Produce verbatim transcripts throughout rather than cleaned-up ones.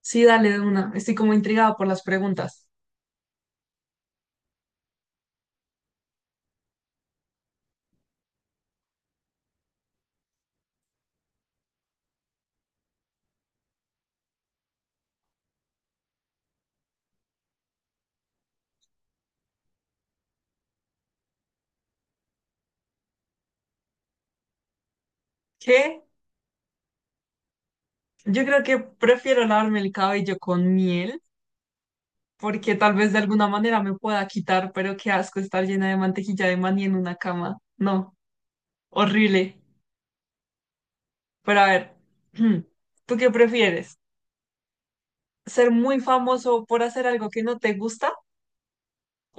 Sí, dale de una. Estoy como intrigada por las preguntas. ¿Qué? Yo creo que prefiero lavarme el cabello con miel, porque tal vez de alguna manera me pueda quitar, pero qué asco estar llena de mantequilla de maní en una cama. No, horrible. Pero a ver, ¿tú qué prefieres? ¿Ser muy famoso por hacer algo que no te gusta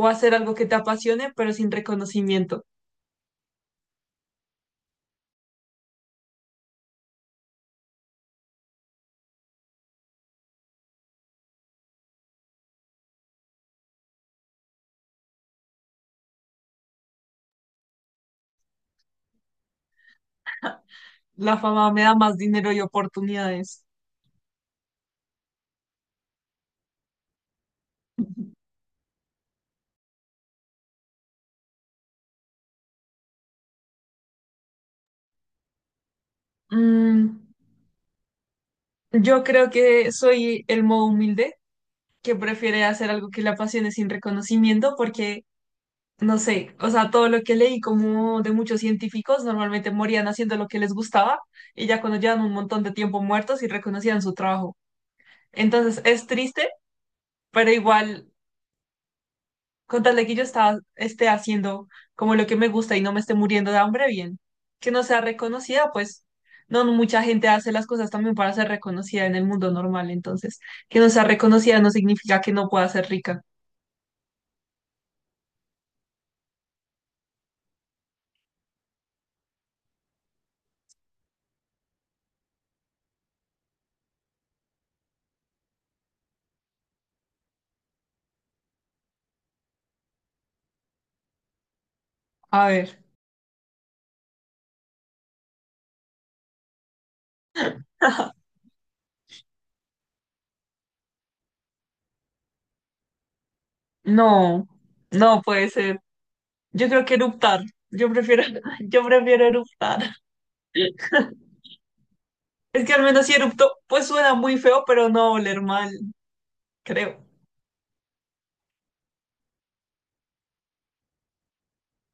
o hacer algo que te apasione, pero sin reconocimiento? La fama me da más dinero y oportunidades. Mm, yo creo que soy el modo humilde que prefiere hacer algo que le apasione sin reconocimiento porque, no sé, o sea, todo lo que leí como de muchos científicos normalmente morían haciendo lo que les gustaba y ya cuando llevan un montón de tiempo muertos y reconocían su trabajo. Entonces es triste, pero igual, con tal de que yo estaba, esté haciendo como lo que me gusta y no me esté muriendo de hambre, bien. Que no sea reconocida, pues no no mucha gente hace las cosas también para ser reconocida en el mundo normal, entonces que no sea reconocida no significa que no pueda ser rica. A ver. No, no puede ser. Yo creo que eruptar. Yo prefiero, yo prefiero eruptar. Es que al menos si erupto, pues suena muy feo, pero no va a oler mal, creo.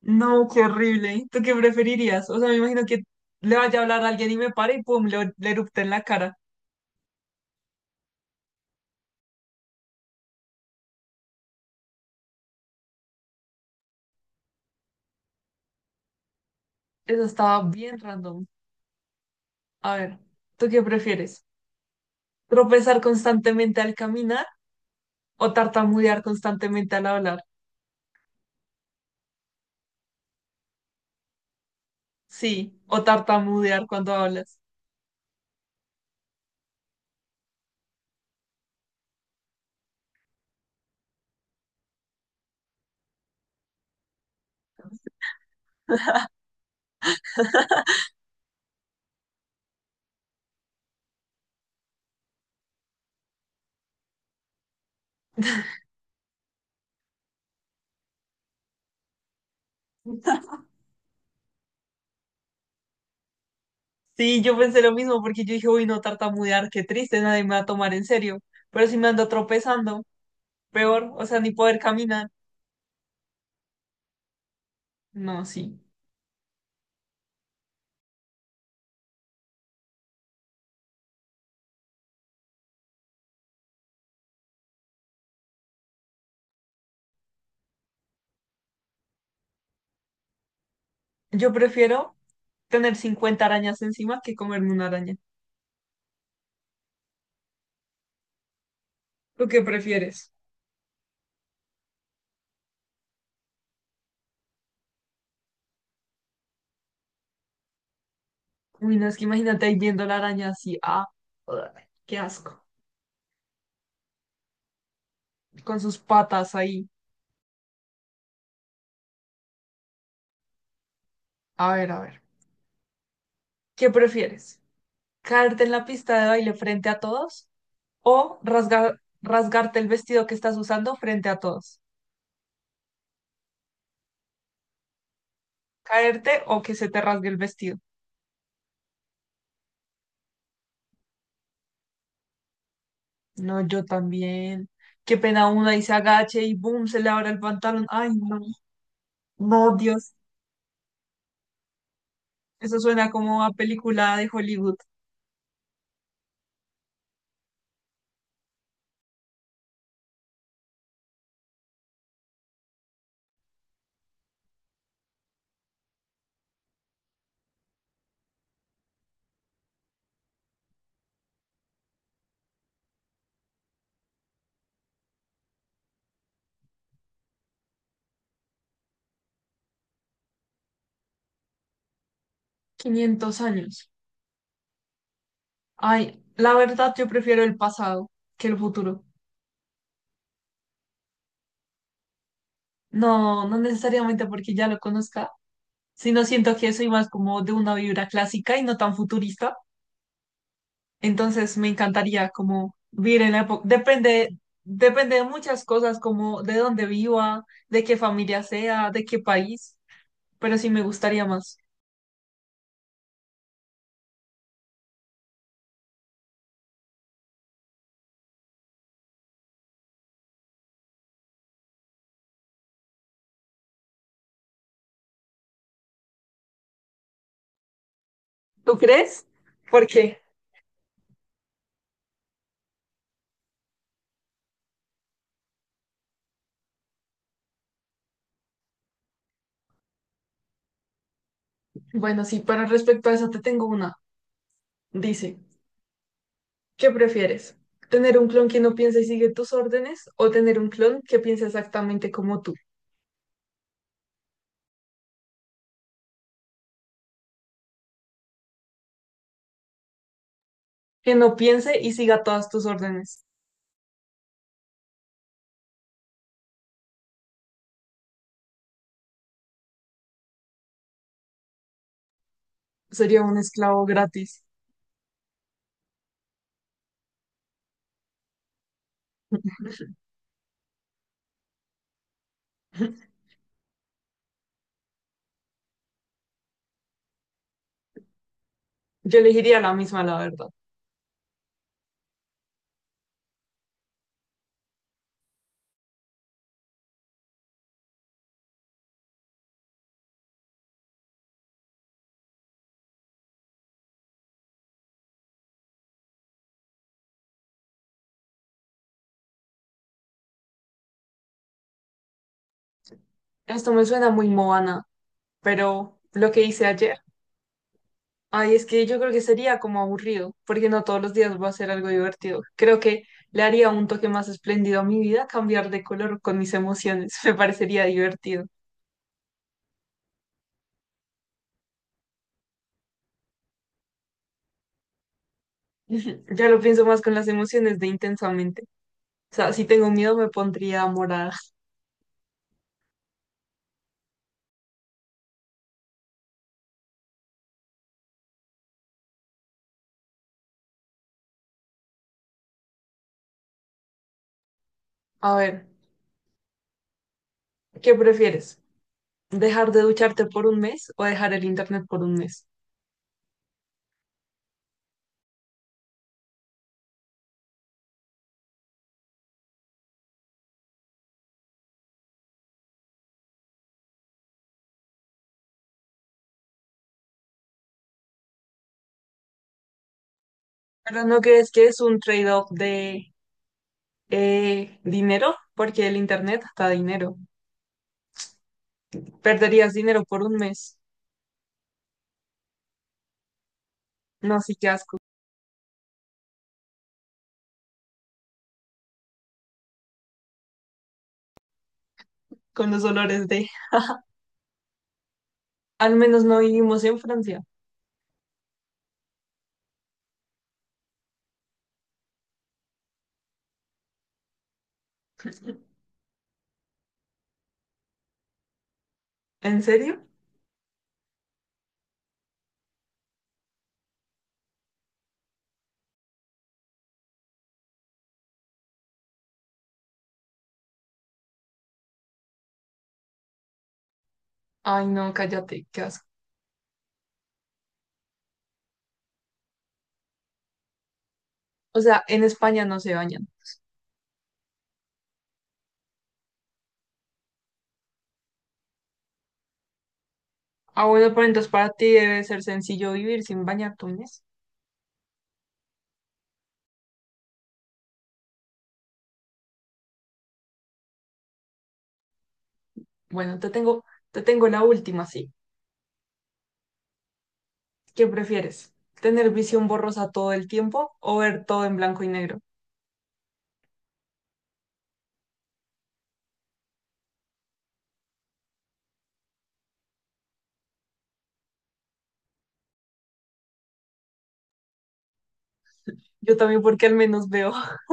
No, qué horrible. ¿Tú qué preferirías? O sea, me imagino que le vaya a hablar a alguien y me pare y pum, le, le erupte en la cara. Eso estaba bien random. A ver, ¿tú qué prefieres? ¿Tropezar constantemente al caminar o tartamudear constantemente al hablar? Sí, o tartamudear cuando hablas. Sí, yo pensé lo mismo porque yo dije, uy, no tartamudear, qué triste, nadie me va a tomar en serio. Pero si me ando tropezando, peor, o sea, ni poder caminar. No, sí. Yo prefiero tener cincuenta arañas encima que comerme una araña. ¿Tú qué prefieres? Uy, no, es que imagínate ahí viendo la araña así, ah, ugh, qué asco, con sus patas ahí. A ver, a ver. ¿Qué prefieres? ¿Caerte en la pista de baile frente a todos o rasgar, rasgarte el vestido que estás usando frente a todos? Caerte o que se te rasgue el vestido. No, yo también. Qué pena una y se agache y boom, se le abra el pantalón. Ay, no, no, Dios. Eso suena como a película de Hollywood. Quinientos años. Ay, la verdad yo prefiero el pasado que el futuro. No, no necesariamente porque ya lo conozca, sino siento que soy más como de una vibra clásica y no tan futurista. Entonces me encantaría como vivir en la época, depende, depende de muchas cosas, como de dónde viva, de qué familia sea, de qué país, pero sí me gustaría más. ¿Tú crees? ¿Por qué? Bueno, sí, pero respecto a eso te tengo una. Dice, ¿qué prefieres? ¿Tener un clon que no piense y sigue tus órdenes o tener un clon que piense exactamente como tú? Que no piense y siga todas tus órdenes. Sería un esclavo gratis. Yo elegiría la misma, la verdad. Esto me suena muy Moana, pero lo que hice ayer, ay, es que yo creo que sería como aburrido, porque no todos los días va a ser algo divertido. Creo que le haría un toque más espléndido a mi vida cambiar de color con mis emociones, me parecería divertido. Ujú. Ya lo pienso más con las emociones de intensamente. O sea, si tengo miedo me pondría morada. A ver, ¿qué prefieres? ¿Dejar de ducharte por un mes o dejar el internet por un mes? Pero ¿no crees que es un trade-off de eh, dinero? Porque el internet da dinero. Perderías dinero por un mes. No, sí, qué asco. Con los olores de... Al menos no vivimos en Francia. ¿En serio? Ay, no, cállate, qué asco. O sea, en España no se bañan. Ah, bueno, pero entonces para ti debe ser sencillo vivir sin bañarte un mes. Bueno, te tengo, te tengo la última, sí. ¿Qué prefieres? ¿Tener visión borrosa todo el tiempo o ver todo en blanco y negro? Yo también porque al menos veo,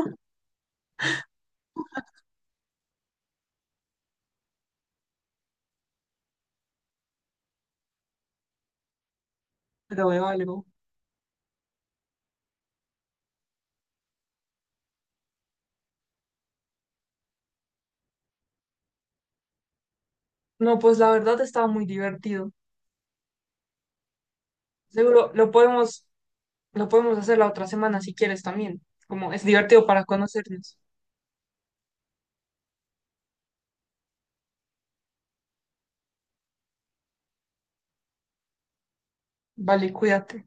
pero veo algo. No, pues la verdad estaba muy divertido. Seguro lo podemos, lo podemos hacer la otra semana si quieres también. Como es divertido para conocernos. Vale, cuídate.